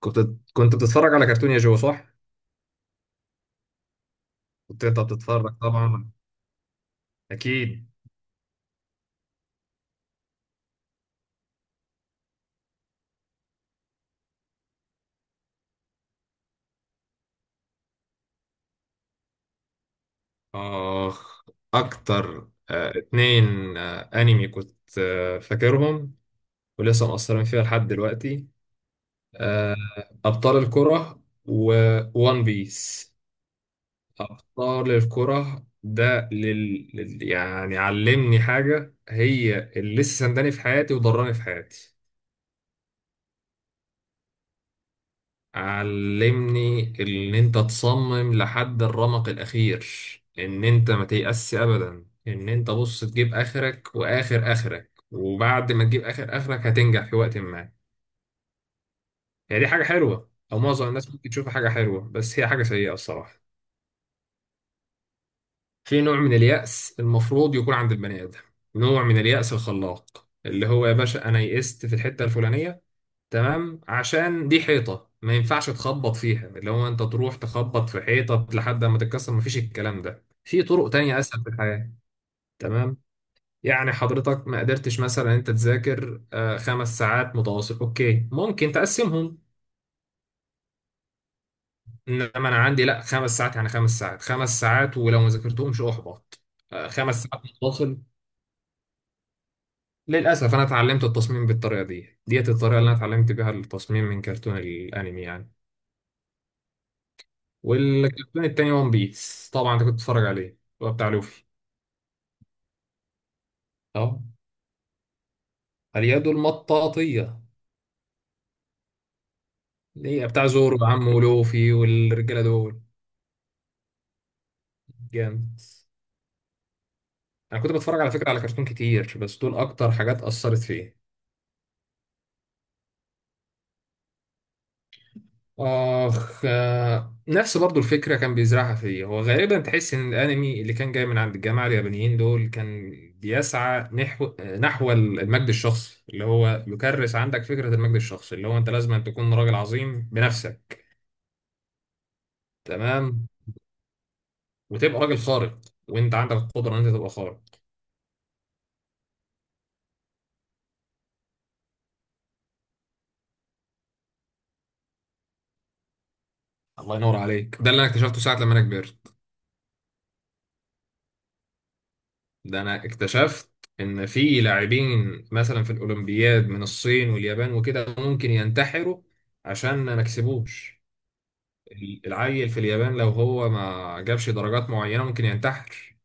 كنت كنت بتتفرج على كرتون يا جو صح؟ كنت انت بتتفرج طبعا، اكيد. اخ، اكتر اتنين انمي كنت فاكرهم ولسه مأثرين فيها لحد دلوقتي. آه، ابطال الكرة وون بيس. ابطال الكرة ده يعني علمني حاجة هي اللي لسه سنداني في حياتي وضراني في حياتي. علمني ان انت تصمم لحد الرمق الاخير، ان انت ما تيأس ابدا، ان انت بص تجيب اخرك واخر اخرك، وبعد ما تجيب اخر اخرك هتنجح في وقت ما. هي دي حاجة حلوة، او معظم الناس ممكن تشوفها حاجة حلوة، بس هي حاجة سيئة الصراحة. في نوع من اليأس المفروض يكون عند البني ادم، نوع من اليأس الخلاق، اللي هو يا باشا انا يئست في الحتة الفلانية، تمام، عشان دي حيطة ما ينفعش تخبط فيها، اللي هو انت تروح تخبط في حيطة لحد ما تتكسر. ما فيش الكلام ده، في طرق تانية اسهل في الحياة. تمام. يعني حضرتك ما قدرتش مثلا انت تذاكر 5 ساعات متواصل، اوكي ممكن تقسمهم. انما انا عندي لا، 5 ساعات يعني 5 ساعات، ولو ما ذاكرتهمش احبط. خمس ساعات متواصل. للاسف انا اتعلمت التصميم بالطريقة دي، ديت الطريقة اللي انا اتعلمت بيها التصميم من كرتون الانمي يعني. والكرتون التاني ون بيس، طبعا انت كنت بتتفرج عليه، هو بتاع لوفي. اه، اليد المطاطية، اللي هي بتاع زورو وعمه ولوفي والرجالة دول. جامد. انا كنت بتفرج على فكرة على كرتون كتير، بس دول اكتر حاجات اثرت فيا. اخ، نفس برضو الفكرة كان بيزرعها فيا، هو غالبا تحس ان الانمي اللي كان جاي من عند الجماعة اليابانيين دول كان بيسعى نحو، المجد الشخصي، اللي هو يكرس عندك فكرة المجد الشخصي، اللي هو انت لازم أن تكون راجل عظيم بنفسك. تمام، وتبقى راجل خارق، وانت عندك القدره ان انت تبقى خارق. الله ينور عليك، ده اللي انا اكتشفته ساعه لما انا كبرت. ده انا اكتشفت ان في لاعبين مثلا في الاولمبياد من الصين واليابان وكده ممكن ينتحروا عشان ما كسبوش. العيل في اليابان لو هو ما جابش درجات معينه ممكن ينتحر.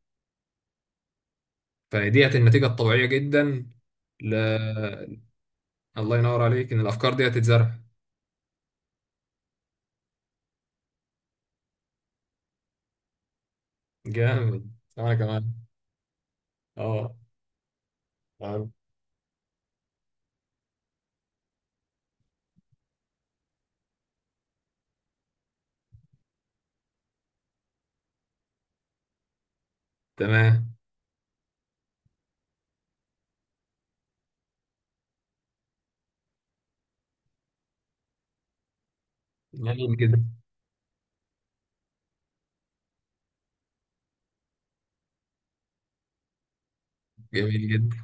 فديت النتيجه الطبيعيه جدا. ل... الله ينور عليك، ان الافكار ديت تتزرع. جامد، انا كمان. اه. تمام. تمام. يعني كده. جميل جدا.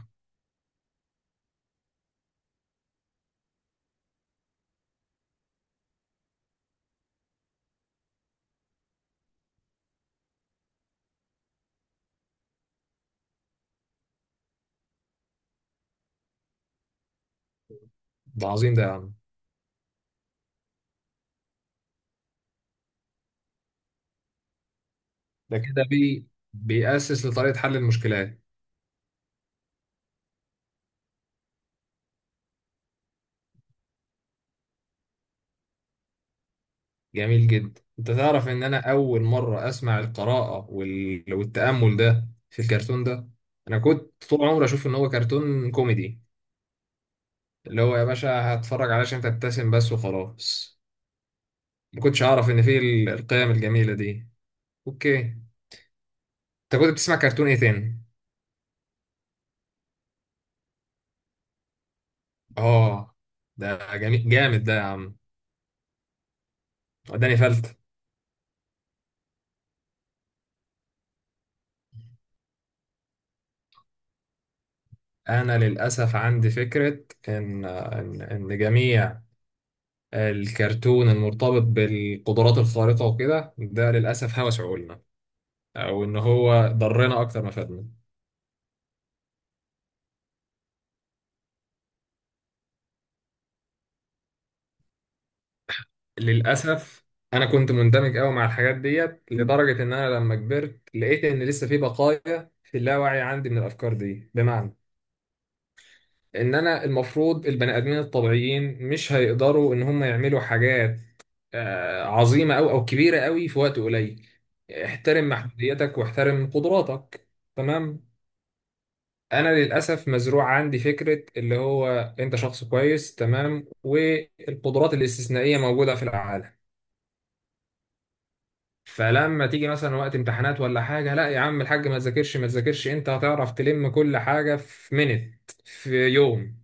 ده عظيم ده يا عم. ده كده بيأسس لطريقة حل المشكلات. جميل جدا، انت تعرف ان انا اول مرة اسمع القراءة والتأمل ده في الكرتون ده. انا كنت طول عمري اشوف ان هو كرتون كوميدي، اللي هو يا باشا هتفرج علشان تبتسم بس وخلاص. ما كنتش اعرف ان فيه القيم الجميلة دي. اوكي، انت كنت بتسمع كرتون ايه تاني؟ اه، ده جميل جامد ده يا عم، وداني فلت. انا للاسف عندي فكرة ان جميع الكرتون المرتبط بالقدرات الخارقة وكده ده للأسف هوس عقولنا، أو إن هو ضرنا أكتر ما فادنا. للأسف أنا كنت مندمج أوي مع الحاجات ديت، لدرجة إن أنا لما كبرت لقيت إن لسه في بقايا في اللاوعي عندي من الأفكار دي. بمعنى إن أنا المفروض البني آدمين الطبيعيين مش هيقدروا إن هم يعملوا حاجات عظيمة أو كبيرة أوي في وقت قليل. احترم محدوديتك واحترم قدراتك. تمام. انا للاسف مزروع عندي فكره، اللي هو انت شخص كويس تمام، والقدرات الاستثنائيه موجوده في العالم. فلما تيجي مثلا وقت امتحانات ولا حاجه، لا يا عم الحاج ما تذاكرش ما تذاكرش، انت هتعرف تلم كل حاجه في منت في يوم.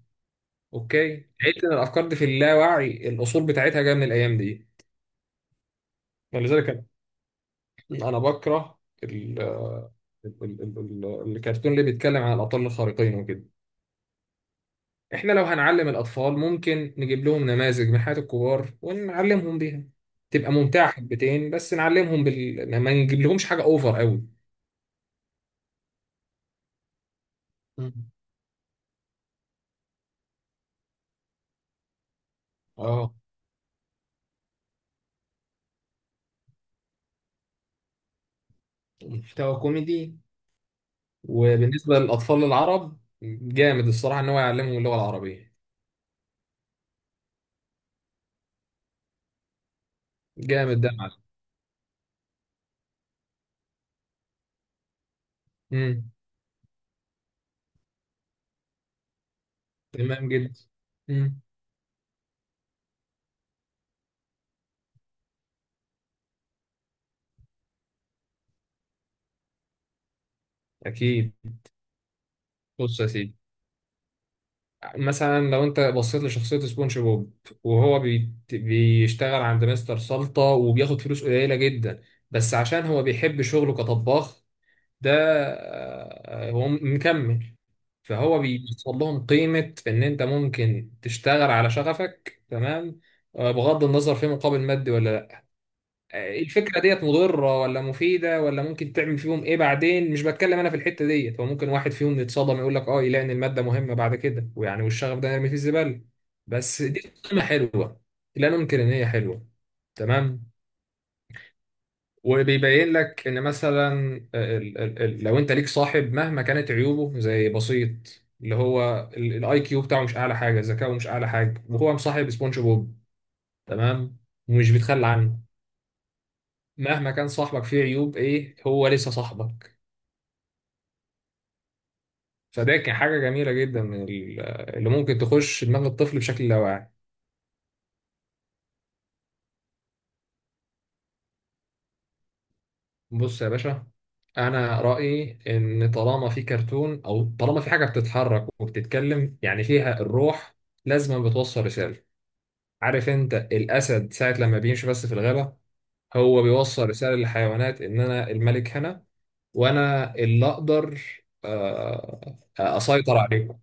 اوكي، لقيت ان الافكار دي في اللاوعي الاصول بتاعتها جايه من الايام دي. فلذلك أنا بكره الكرتون اللي بيتكلم عن الابطال الخارقين وكده. احنا لو هنعلم الاطفال ممكن نجيب لهم نماذج من حياة الكبار ونعلمهم بيها، تبقى ممتعة حبتين، بس نعلمهم ما نجيب لهمش حاجة اوفر قوي. مم. اه. محتوى كوميدي. وبالنسبة للاطفال العرب جامد الصراحة ان هو يعلمهم اللغة العربية. جامد ده يا معلم. امم. تمام جدا. امم. اكيد. بص يا سيدي، مثلا لو انت بصيت لشخصية سبونج بوب، وهو بيشتغل عند مستر سلطة وبياخد فلوس قليلة جدا، بس عشان هو بيحب شغله كطباخ، ده هو مكمل. فهو بيوصل لهم قيمة ان انت ممكن تشتغل على شغفك، تمام، بغض النظر في مقابل مادي ولا. الفكرة ديت مضرة ولا مفيدة ولا ممكن تعمل فيهم ايه بعدين مش بتكلم انا في الحتة ديت، هو ممكن واحد فيهم يتصدم يقول لك اه، يلاقي ان المادة مهمة بعد كده ويعني والشغف ده نرمي فيه الزبالة، بس دي قيمة حلوة. لا ننكر ان هي حلوة. تمام. وبيبين لك ان مثلا لو انت ليك صاحب مهما كانت عيوبه زي بسيط، اللي هو الاي كيو بتاعه مش اعلى حاجة، ذكاؤه مش اعلى حاجة، وهو مصاحب سبونج بوب، تمام، ومش بيتخلى عنه. مهما كان صاحبك فيه عيوب ايه هو لسه صاحبك. فده كان حاجة جميلة جدا من اللي ممكن تخش دماغ الطفل بشكل لا واعي. بص يا باشا، انا رأيي ان طالما في كرتون، او طالما في حاجة بتتحرك وبتتكلم يعني فيها الروح، لازم بتوصل رسالة. عارف انت الاسد ساعة لما بيمشي بس في الغابة، هو بيوصل رسالة للحيوانات ان انا الملك هنا، وانا اللي اقدر آه، اسيطر عليكم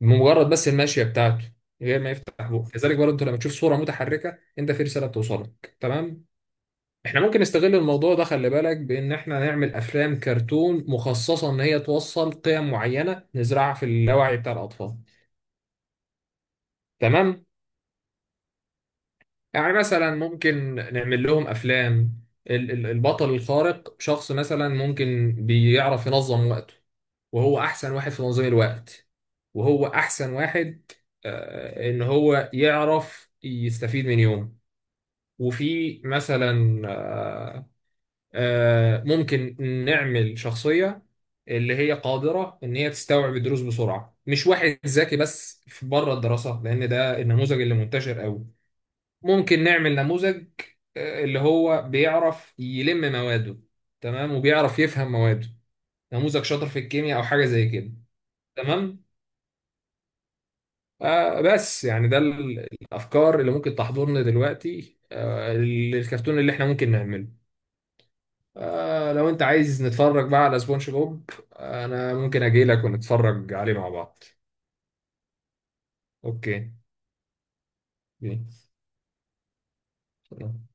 مجرد بس الماشيه بتاعته، من غير ما يفتح بقه. كذلك برضه انت لما تشوف صوره متحركه انت في رساله بتوصلك، تمام. احنا ممكن نستغل الموضوع ده، خلي بالك بان احنا نعمل افلام كرتون مخصصه ان هي توصل قيم معينه نزرعها في اللاوعي بتاع الاطفال. تمام. يعني مثلا ممكن نعمل لهم افلام، البطل الخارق شخص مثلا ممكن بيعرف ينظم وقته، وهو احسن واحد في تنظيم الوقت، وهو احسن واحد ان هو يعرف يستفيد من يوم. وفي مثلا ممكن نعمل شخصية اللي هي قادرة ان هي تستوعب الدروس بسرعة، مش واحد ذكي بس في بره الدراسة لان ده النموذج اللي منتشر قوي. ممكن نعمل نموذج اللي هو بيعرف يلم مواده، تمام، وبيعرف يفهم مواده، نموذج شاطر في الكيمياء او حاجة زي كده. تمام. بس يعني ده الافكار اللي ممكن تحضرنا دلوقتي، آه الكرتون اللي احنا ممكن نعمله. آه لو انت عايز نتفرج بقى على سبونج بوب، آه انا ممكن اجي لك ونتفرج عليه مع بعض. اوكي. يلا.